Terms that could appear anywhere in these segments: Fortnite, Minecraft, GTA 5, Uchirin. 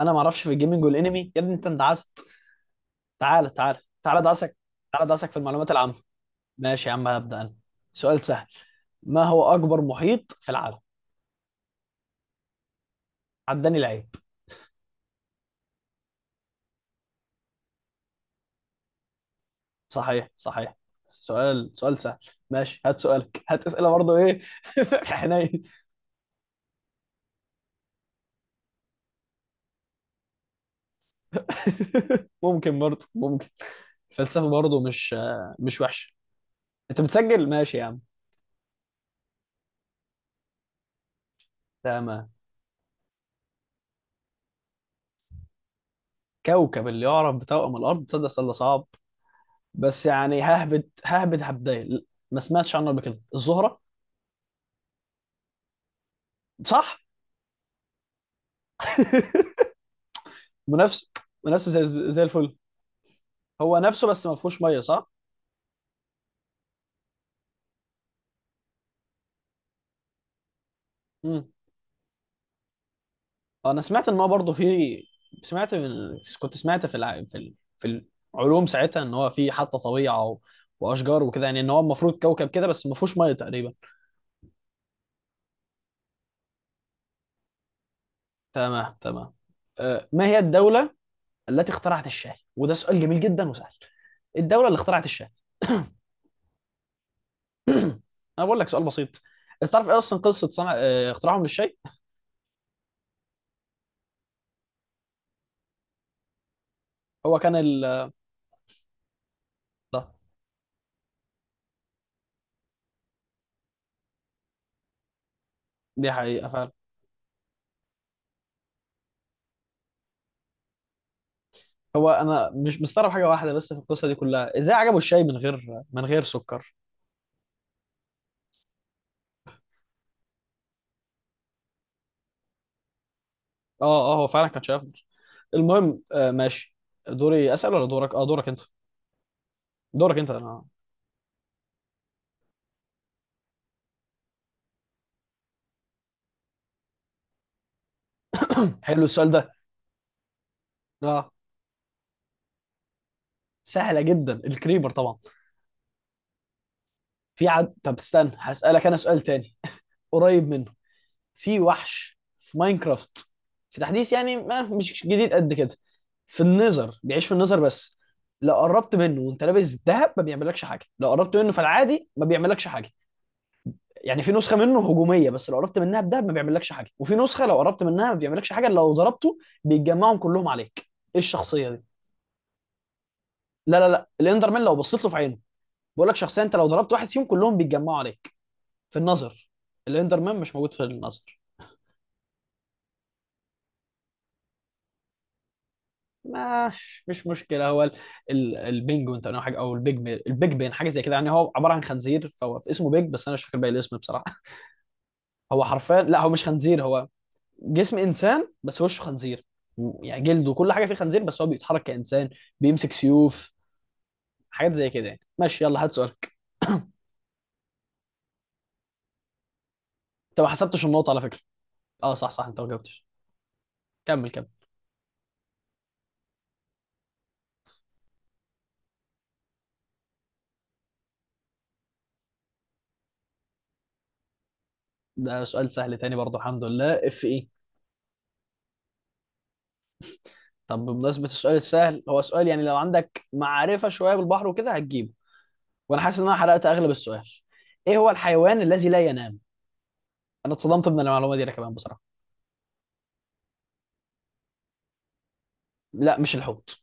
انا ما اعرفش في الجيمنج والانمي يا ابني، انت اندعست. تعالى تعالى تعالى دعسك. تعالى دعسك في المعلومات العامه. ماشي يا عم، هبدا انا. سؤال سهل. ما هو اكبر محيط في العالم؟ عداني العيب. صحيح صحيح. سؤال سهل. ماشي، هات سؤالك. هات اسئله برضه. ايه؟ في حنين. ممكن برضه ممكن. الفلسفه برضه مش وحشه. انت بتسجل؟ ماشي يا عم. تمام. كوكب اللي يعرف بتوأم الارض، تصدق سؤال ده صعب، بس يعني ههبد ههبد هبدايه. ما سمعتش عنه قبل كده، الزهره. صح. منافس. منافس زي الفل. هو نفسه بس ما فيهوش ميه، صح. امم انا سمعت ان هو برضه في. سمعت من... كنت سمعت في العلوم ساعتها ان هو في حتى طبيعه واشجار وكده، يعني ان هو المفروض كوكب كده بس ما فيهوش ميه تقريبا. تمام تمام. ما هي الدوله التي اخترعت الشاي؟ وده سؤال جميل جدا وسهل. الدوله اللي اخترعت الشاي. انا بقول لك سؤال بسيط. انت تعرف ايه اصلا قصه صنع، اختراعهم للشاي؟ هو كان ال... ده. دي حقيقه فعلا. هو انا مش مستغرب حاجه واحده بس في القصه دي كلها، ازاي عجبه الشاي من غير سكر. اه. اه، هو فعلا كان شاي افضل. المهم ماشي، دوري اسال ولا دورك؟ اه، دورك انت. دورك انت انا. حلو السؤال ده. اه. سهله جدا، الكريبر طبعا. في عد طب استنى هسالك انا سؤال تاني. قريب منه. في وحش في ماينكرافت، في تحديث يعني ما مش جديد قد كده، في النظر، بيعيش في النظر بس. لو قربت منه وانت لابس ذهب ما بيعملكش حاجه، لو قربت منه في العادي ما بيعملكش حاجه. يعني في نسخه منه هجوميه بس لو قربت منها بذهب ما بيعملكش حاجه، وفي نسخه لو قربت منها ما بيعملكش حاجه، لو ضربته بيتجمعهم كلهم عليك. ايه الشخصيه دي؟ لا لا لا، الاندرمان لو بصيت له في عينه. بقول لك شخصيه انت لو ضربت واحد فيهم كلهم بيتجمعوا عليك، في النظر. الاندرمان مش موجود في النظر. مش مشكله. هو البينجوين تقريبا حاجه، او البيج بين حاجه زي كده، يعني هو عباره عن خنزير فهو اسمه بيج، بس انا مش فاكر باقي الاسم بصراحه. هو حرفيا، لا هو مش خنزير، هو جسم انسان بس وشه خنزير يعني جلده وكل حاجه فيه خنزير، بس هو بيتحرك كانسان، بيمسك سيوف، حاجات زي كده يعني. ماشي يلا، هات سؤالك. انت ما حسبتش النقطه على فكره. اه صح صح، انت ما جاوبتش. كمل كمل. ده سؤال سهل تاني برضه، الحمد لله. اف ايه. طب بمناسبه السؤال السهل، هو سؤال يعني لو عندك معرفه شويه بالبحر وكده هتجيبه. وانا حاسس ان انا حرقت اغلب السؤال. ايه هو الحيوان الذي لا ينام؟ انا اتصدمت من المعلومه دي انا كمان بصراحه. لا مش الحوت.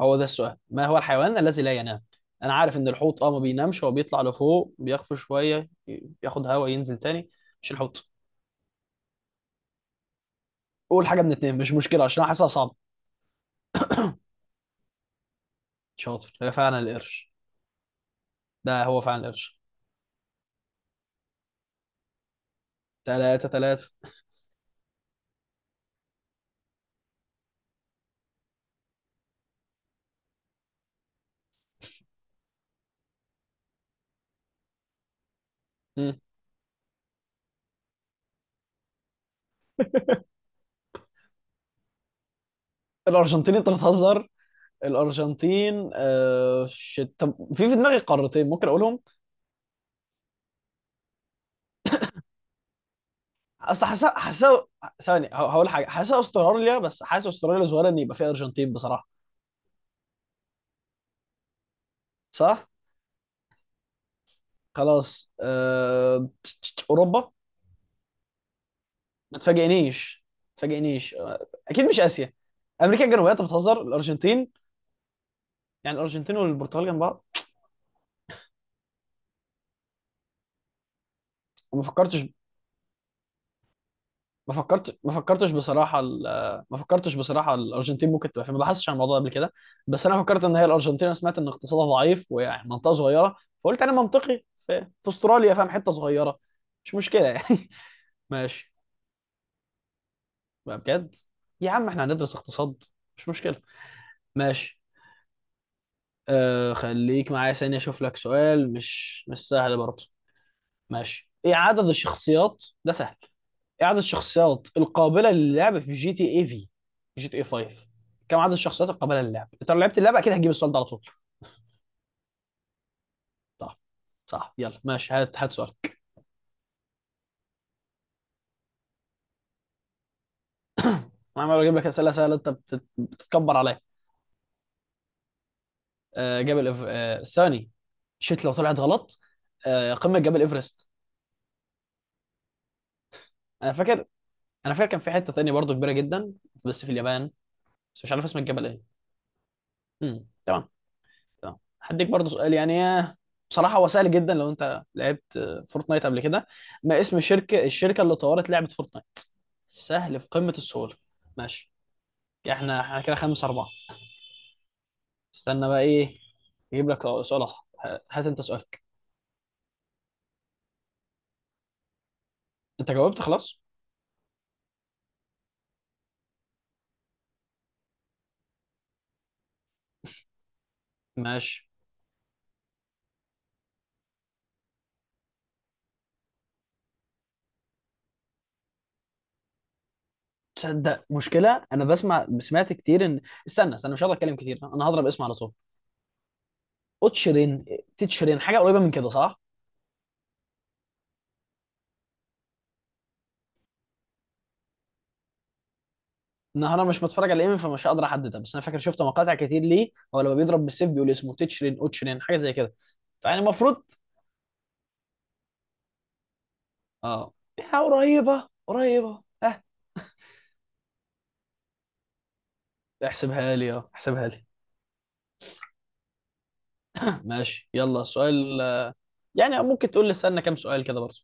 هو ده السؤال، ما هو الحيوان الذي لا ينام. انا عارف ان الحوت اه ما بينامش، هو بيطلع لفوق بيخفى شويه، ياخد هواء ينزل تاني. مش الحوت. قول حاجه من اتنين مش مشكله، عشان انا حاسسها صعبه. شاطر، هي فعلا القرش. ده هو فعلا القرش. 3-3. مم. الارجنتين، انت بتهزر؟ الارجنتين طب في دماغي قارتين ممكن اقولهم. اصل حاسه حاسه ثانية. هقول حاجة، حاسه استراليا، بس حاسه استراليا صغيرة ان يبقى فيها ارجنتين بصراحة. صح؟ خلاص اوروبا. ما تفاجئنيش، اكيد مش اسيا. امريكا الجنوبية؟ انت بتهزر. الارجنتين؟ يعني الارجنتين والبرتغال جنب بعض؟ وما فكرتش. ما فكرتش بصراحه الارجنتين ممكن تبقى فين، ما بحثتش عن الموضوع ده قبل كده. بس انا فكرت ان هي الارجنتين، أنا سمعت ان اقتصادها ضعيف ويعني منطقه صغيره، فقلت انا منطقي في استراليا، فاهم؟ حته صغيره، مش مشكله يعني. ماشي بقى بجد، يا عم احنا هندرس اقتصاد. مش مشكله، ماشي. خليك معايا ثانيه اشوف لك سؤال مش سهل برضه. ماشي. ايه عدد الشخصيات؟ ده سهل. ايه عدد الشخصيات القابله للعب في جي تي اي في، جي تي اي 5؟ كم عدد الشخصيات القابله للعب؟ انت لو لعبت اللعبه اكيد هتجيب السؤال ده على طول. صح. صح، يلا ماشي، هات سؤالك. انا عمال اجيب لك اسئله سهله، انت بتتكبر عليا. آه جبل إف... آه ثاني، شيت لو طلعت غلط. قمه جبل ايفرست. انا فاكر، انا فاكر كان في حته تانية برضو كبيره جدا بس في اليابان، بس مش عارف اسم الجبل ايه. امم، تمام. تمام. هديك برضه سؤال يعني، بصراحة هو سهل جدا لو أنت لعبت، فورتنايت قبل كده. ما اسم الشركة اللي طورت لعبة فورتنايت؟ سهل، في قمة السهولة. ماشي. احنا كده 5-4. استنى بقى إيه، أجيب لك سؤال أصعب. هات أنت سؤالك. أنت جاوبت خلاص. ماشي. تصدق مشكلة أنا بسمع، سمعت كتير إن، استنى مش هقدر أتكلم كتير، أنا هضرب اسم على طول. أوتشرين، تيتشرين، حاجة قريبة من كده صح؟ النهار، انا مش متفرج على الانمي فمش هقدر احددها، بس انا فاكر شفت مقاطع كتير ليه هو لما بيضرب بالسيف بيقول اسمه تيتشرين، اوتشرين، حاجه زي كده، فيعني المفروض. اه، يا قريبه قريبه، ها. احسبها لي. ماشي، يلا سؤال. يعني ممكن تقول لي استنى كام سؤال كده برضه.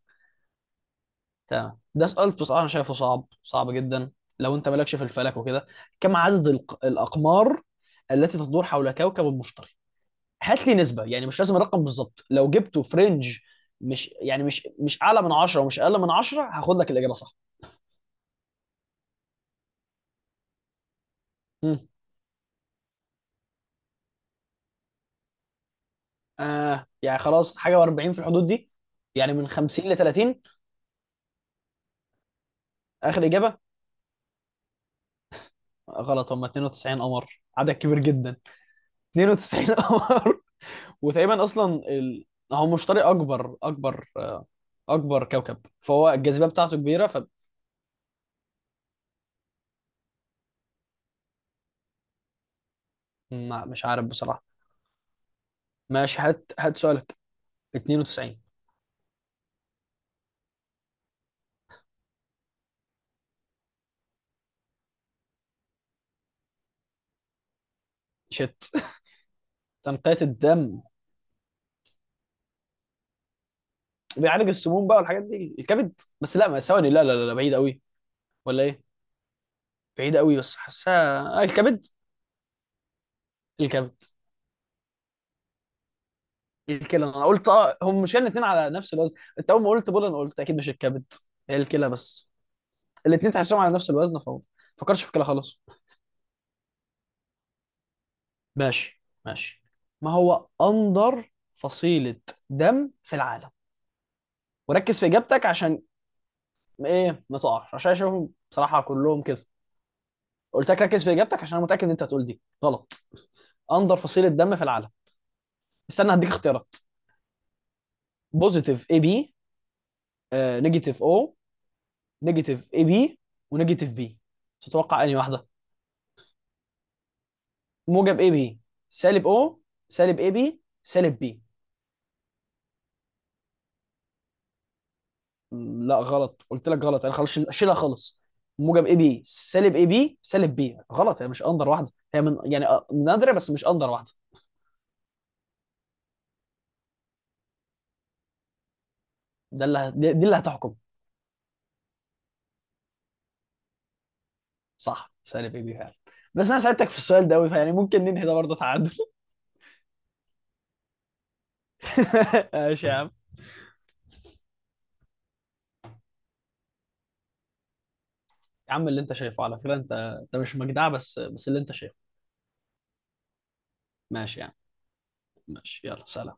تمام. ده سؤال بصراحه انا شايفه صعب صعب جدا، لو انت مالكش في الفلك وكده. كم عدد الاقمار التي تدور حول كوكب المشتري؟ هات لي نسبه، يعني مش لازم الرقم بالظبط، لو جبته في رينج، مش يعني مش مش اعلى من 10 ومش اقل من 10، هاخد لك الاجابه صح. مم. آه يعني خلاص، حاجه و40 في الحدود دي، يعني من 50 ل 30. اخر اجابه. غلط، هم 92 قمر، عدد كبير جدا. 92 قمر. وتقريبا اصلا ال... هو مشتري، اكبر كوكب، فهو الجاذبيه بتاعته كبيره ف. مش عارف بصراحه. ماشي، هات سؤالك. 92. شت. تنقية الدم، بيعالج السموم بقى والحاجات دي الكبد، بس لا، ما ثواني، لا لا لا لا، بعيد قوي. ولا ايه؟ بعيد قوي بس حاسها، آه، الكبد. الكبد. الكلى؟ انا قلت، اه هم مش الاثنين على نفس الوزن، انت اول ما قلت بول انا قلت اكيد مش الكبد، هي الكلى بس. الاثنين تحسهم على نفس الوزن فما فكرش في الكلى خالص. ماشي ماشي. ما هو اندر فصيلة دم في العالم؟ وركز في اجابتك عشان ايه ما تقعش، عشان اشوفهم بصراحة كلهم كده. قلت لك ركز في اجابتك عشان انا متأكد ان انت هتقول دي غلط. اندر فصيلة دم في العالم. استنى هديك اختيارات. بوزيتيف اي بي، نيجاتيف او، نيجاتيف اي بي، ونيجاتيف بي. تتوقع انهي واحده؟ موجب اي بي، سالب او، سالب اي بي، سالب بي. لا غلط، قلت لك غلط، انا خلاص شيلها خالص. موجب اي بي، سالب اي بي، سالب بي غلط. هي مش اندر واحده، هي من يعني نادره بس مش اندر واحده. ده اللي دي اللي هتحكم. صح، سالب اي بي فعلا. بس انا ساعدتك في السؤال ده قوي، فيعني ممكن ننهي ده برضه تعادل. ماشي يا عم. يا عم اللي انت شايفه، على فكرة انت، انت مش مجدع، بس اللي انت شايفه. ماشي يعني. ماشي، يلا سلام.